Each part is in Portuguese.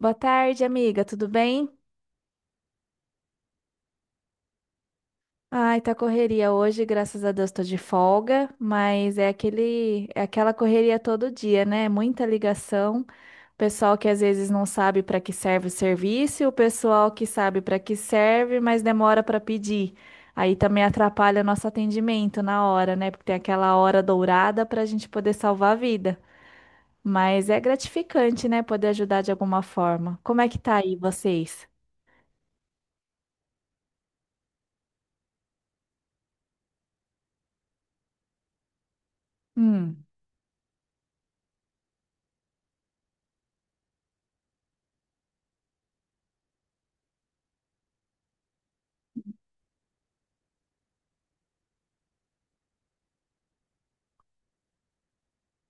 Boa tarde, amiga, tudo bem? Ai, tá correria hoje, graças a Deus tô de folga, mas é aquela correria todo dia, né? Muita ligação, pessoal que às vezes não sabe para que serve o serviço, e o pessoal que sabe para que serve, mas demora para pedir. Aí também atrapalha nosso atendimento na hora, né? Porque tem aquela hora dourada para a gente poder salvar a vida. Mas é gratificante, né? Poder ajudar de alguma forma. Como é que tá aí vocês? Hum.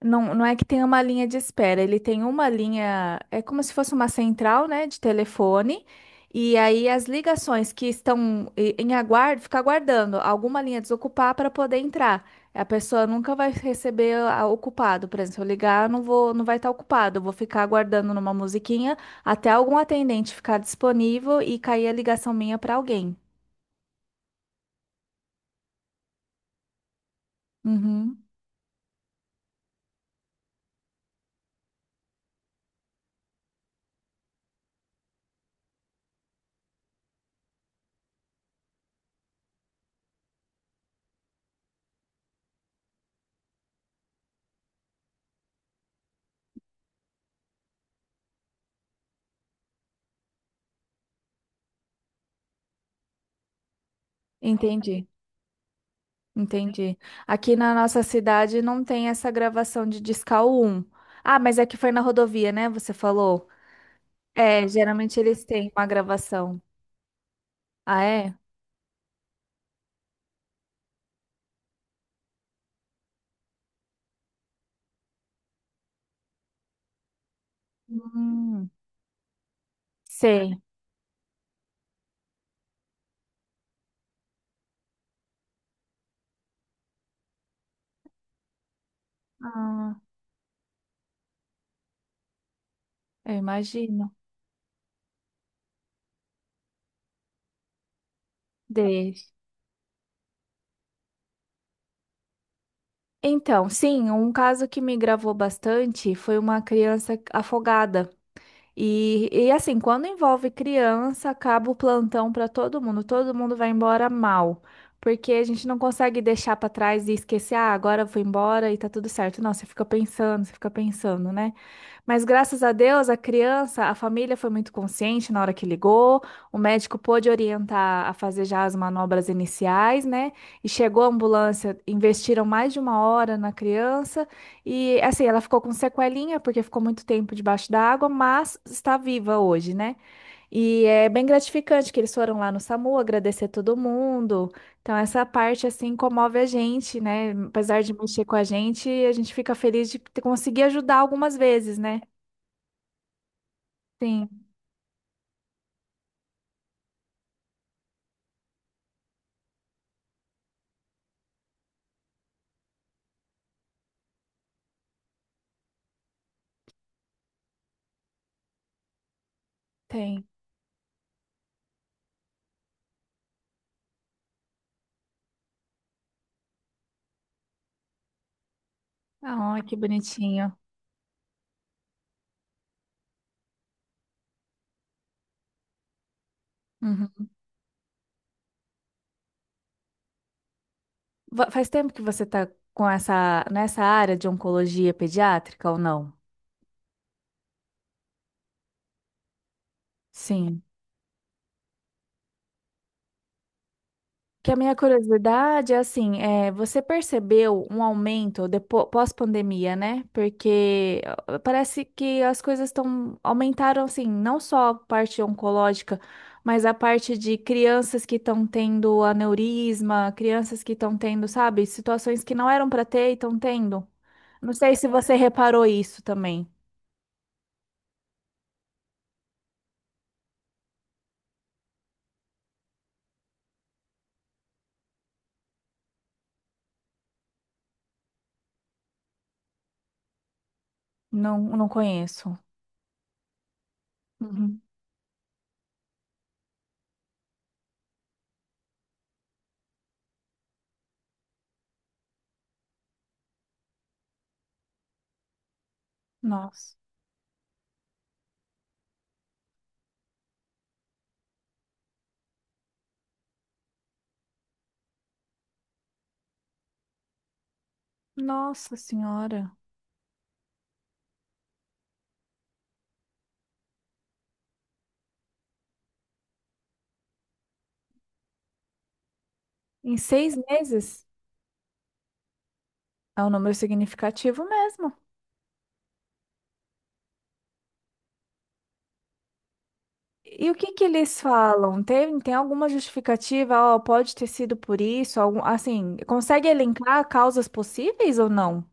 Não, não é que tem uma linha de espera, ele tem uma linha, é como se fosse uma central, né, de telefone, e aí as ligações que estão em aguardo, fica aguardando alguma linha desocupar para poder entrar. A pessoa nunca vai receber ocupado, por exemplo, se eu ligar, eu não vou, não vai estar ocupado, eu vou ficar aguardando numa musiquinha até algum atendente ficar disponível e cair a ligação minha para alguém. Uhum, entendi. Entendi. Aqui na nossa cidade não tem essa gravação de Discal um. Ah, mas é que foi na rodovia, né? Você falou. É, geralmente eles têm uma gravação. Ah, é? Hum, sei. Ah, eu imagino. Deixa. Então, sim, um caso que me gravou bastante foi uma criança afogada. E assim, quando envolve criança, acaba o plantão para todo mundo. Todo mundo vai embora mal, porque a gente não consegue deixar para trás e esquecer, ah, agora eu vou embora e tá tudo certo. Não, você fica pensando, né? Mas graças a Deus, a criança, a família foi muito consciente na hora que ligou. O médico pôde orientar a fazer já as manobras iniciais, né? E chegou a ambulância, investiram mais de 1 hora na criança. E assim, ela ficou com sequelinha, porque ficou muito tempo debaixo da água, mas está viva hoje, né? E é bem gratificante que eles foram lá no SAMU agradecer todo mundo. Então, essa parte, assim, comove a gente, né? Apesar de mexer com a gente fica feliz de conseguir ajudar algumas vezes, né? Sim, tem. Ah, que bonitinho. Uhum. Faz tempo que você tá com essa, nessa área de oncologia pediátrica ou não? Sim. Que a minha curiosidade é assim, é, você percebeu um aumento depois, pós-pandemia, né? Porque ó, parece que as coisas estão aumentaram assim, não só a parte oncológica, mas a parte de crianças que estão tendo aneurisma, crianças que estão tendo, sabe, situações que não eram para ter e estão tendo. Não sei se você reparou isso também. Não, não conheço. Uhum. Nossa. Nossa Senhora. Em 6 meses? É um número significativo mesmo. E o que que eles falam? Tem alguma justificativa? Ó, pode ter sido por isso? Algum, assim, consegue elencar causas possíveis ou não?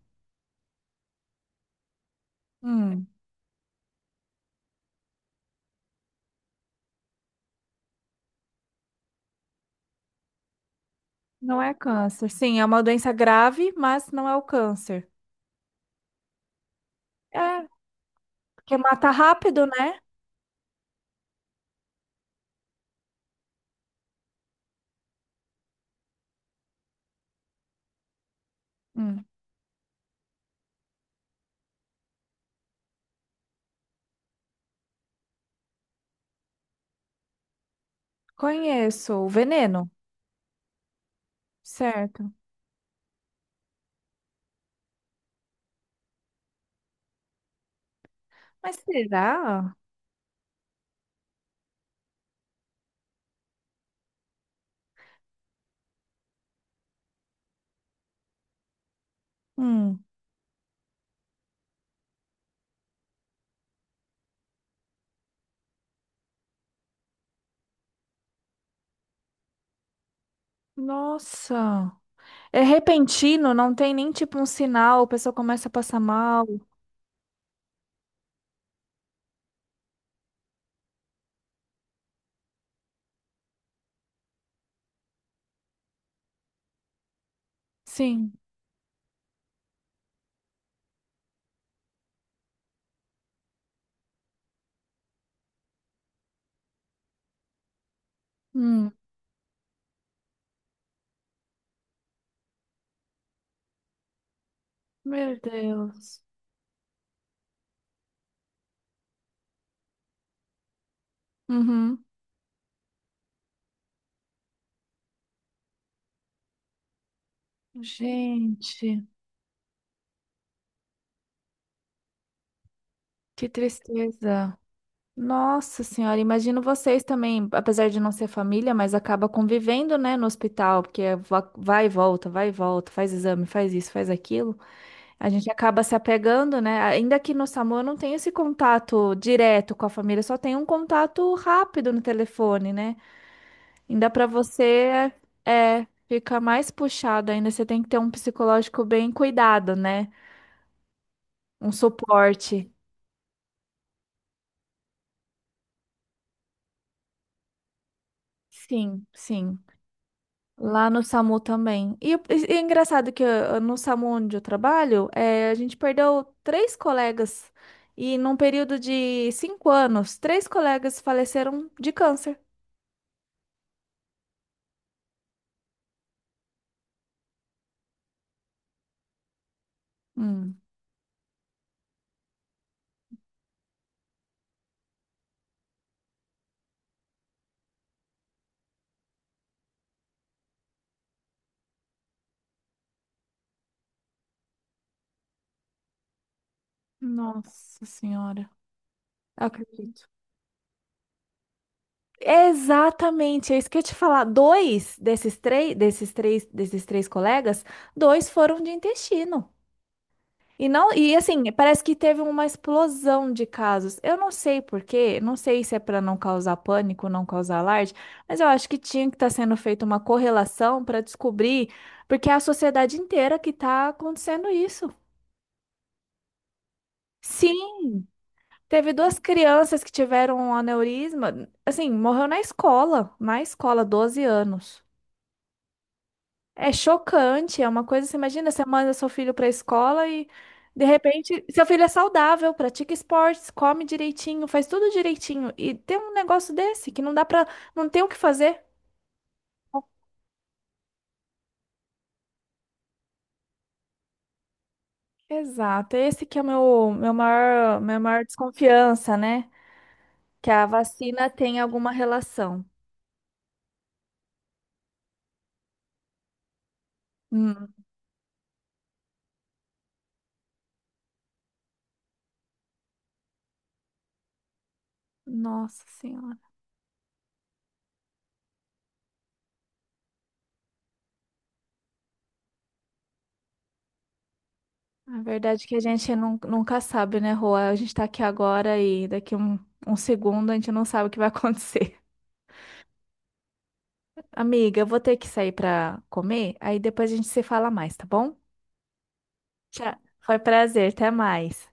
Hum, não é câncer. Sim, é uma doença grave, mas não é o câncer. É, porque mata rápido, né? Hum, conheço o veneno, certo. Mas será? Hum, nossa. É repentino, não tem nem tipo um sinal, a pessoa começa a passar mal. Sim. Hum. Meu Deus. Uhum. Gente, que tristeza. Nossa Senhora, imagino vocês também, apesar de não ser família, mas acaba convivendo, né, no hospital, porque é vai e volta, faz exame, faz isso, faz aquilo. A gente acaba se apegando, né? Ainda que no SAMU eu não tenho esse contato direto com a família, só tenho um contato rápido no telefone, né? Ainda para você é, fica mais puxado ainda, você tem que ter um psicológico bem cuidado, né? Um suporte. Sim, sim. Lá no SAMU também. E é engraçado que ah, no SAMU onde eu trabalho, a gente perdeu três colegas. E num período de 5 anos, três colegas faleceram de câncer. Hum. Nossa Senhora. Eu acredito. Exatamente, é isso que eu ia te falar. Dois desses três colegas, dois foram de intestino. E não, e assim, parece que teve uma explosão de casos. Eu não sei por quê, não sei se é para não causar pânico, não causar alarde, mas eu acho que tinha que estar sendo feita uma correlação para descobrir, porque é a sociedade inteira que está acontecendo isso. Sim, teve duas crianças que tiveram um aneurisma, assim, morreu na escola, 12 anos. É chocante, é uma coisa, você imagina, você manda seu filho para a escola e de repente seu filho é saudável, pratica esportes, come direitinho, faz tudo direitinho e tem um negócio desse que não dá para, não tem o que fazer. Exato, esse que é o meu maior, minha maior desconfiança, né? Que a vacina tem alguma relação. Hum, nossa senhora. A verdade é que a gente nunca sabe, né, Rua? A gente tá aqui agora e daqui um segundo a gente não sabe o que vai acontecer. Amiga, eu vou ter que sair para comer, aí depois a gente se fala mais, tá bom? Tchau. Foi prazer, até mais.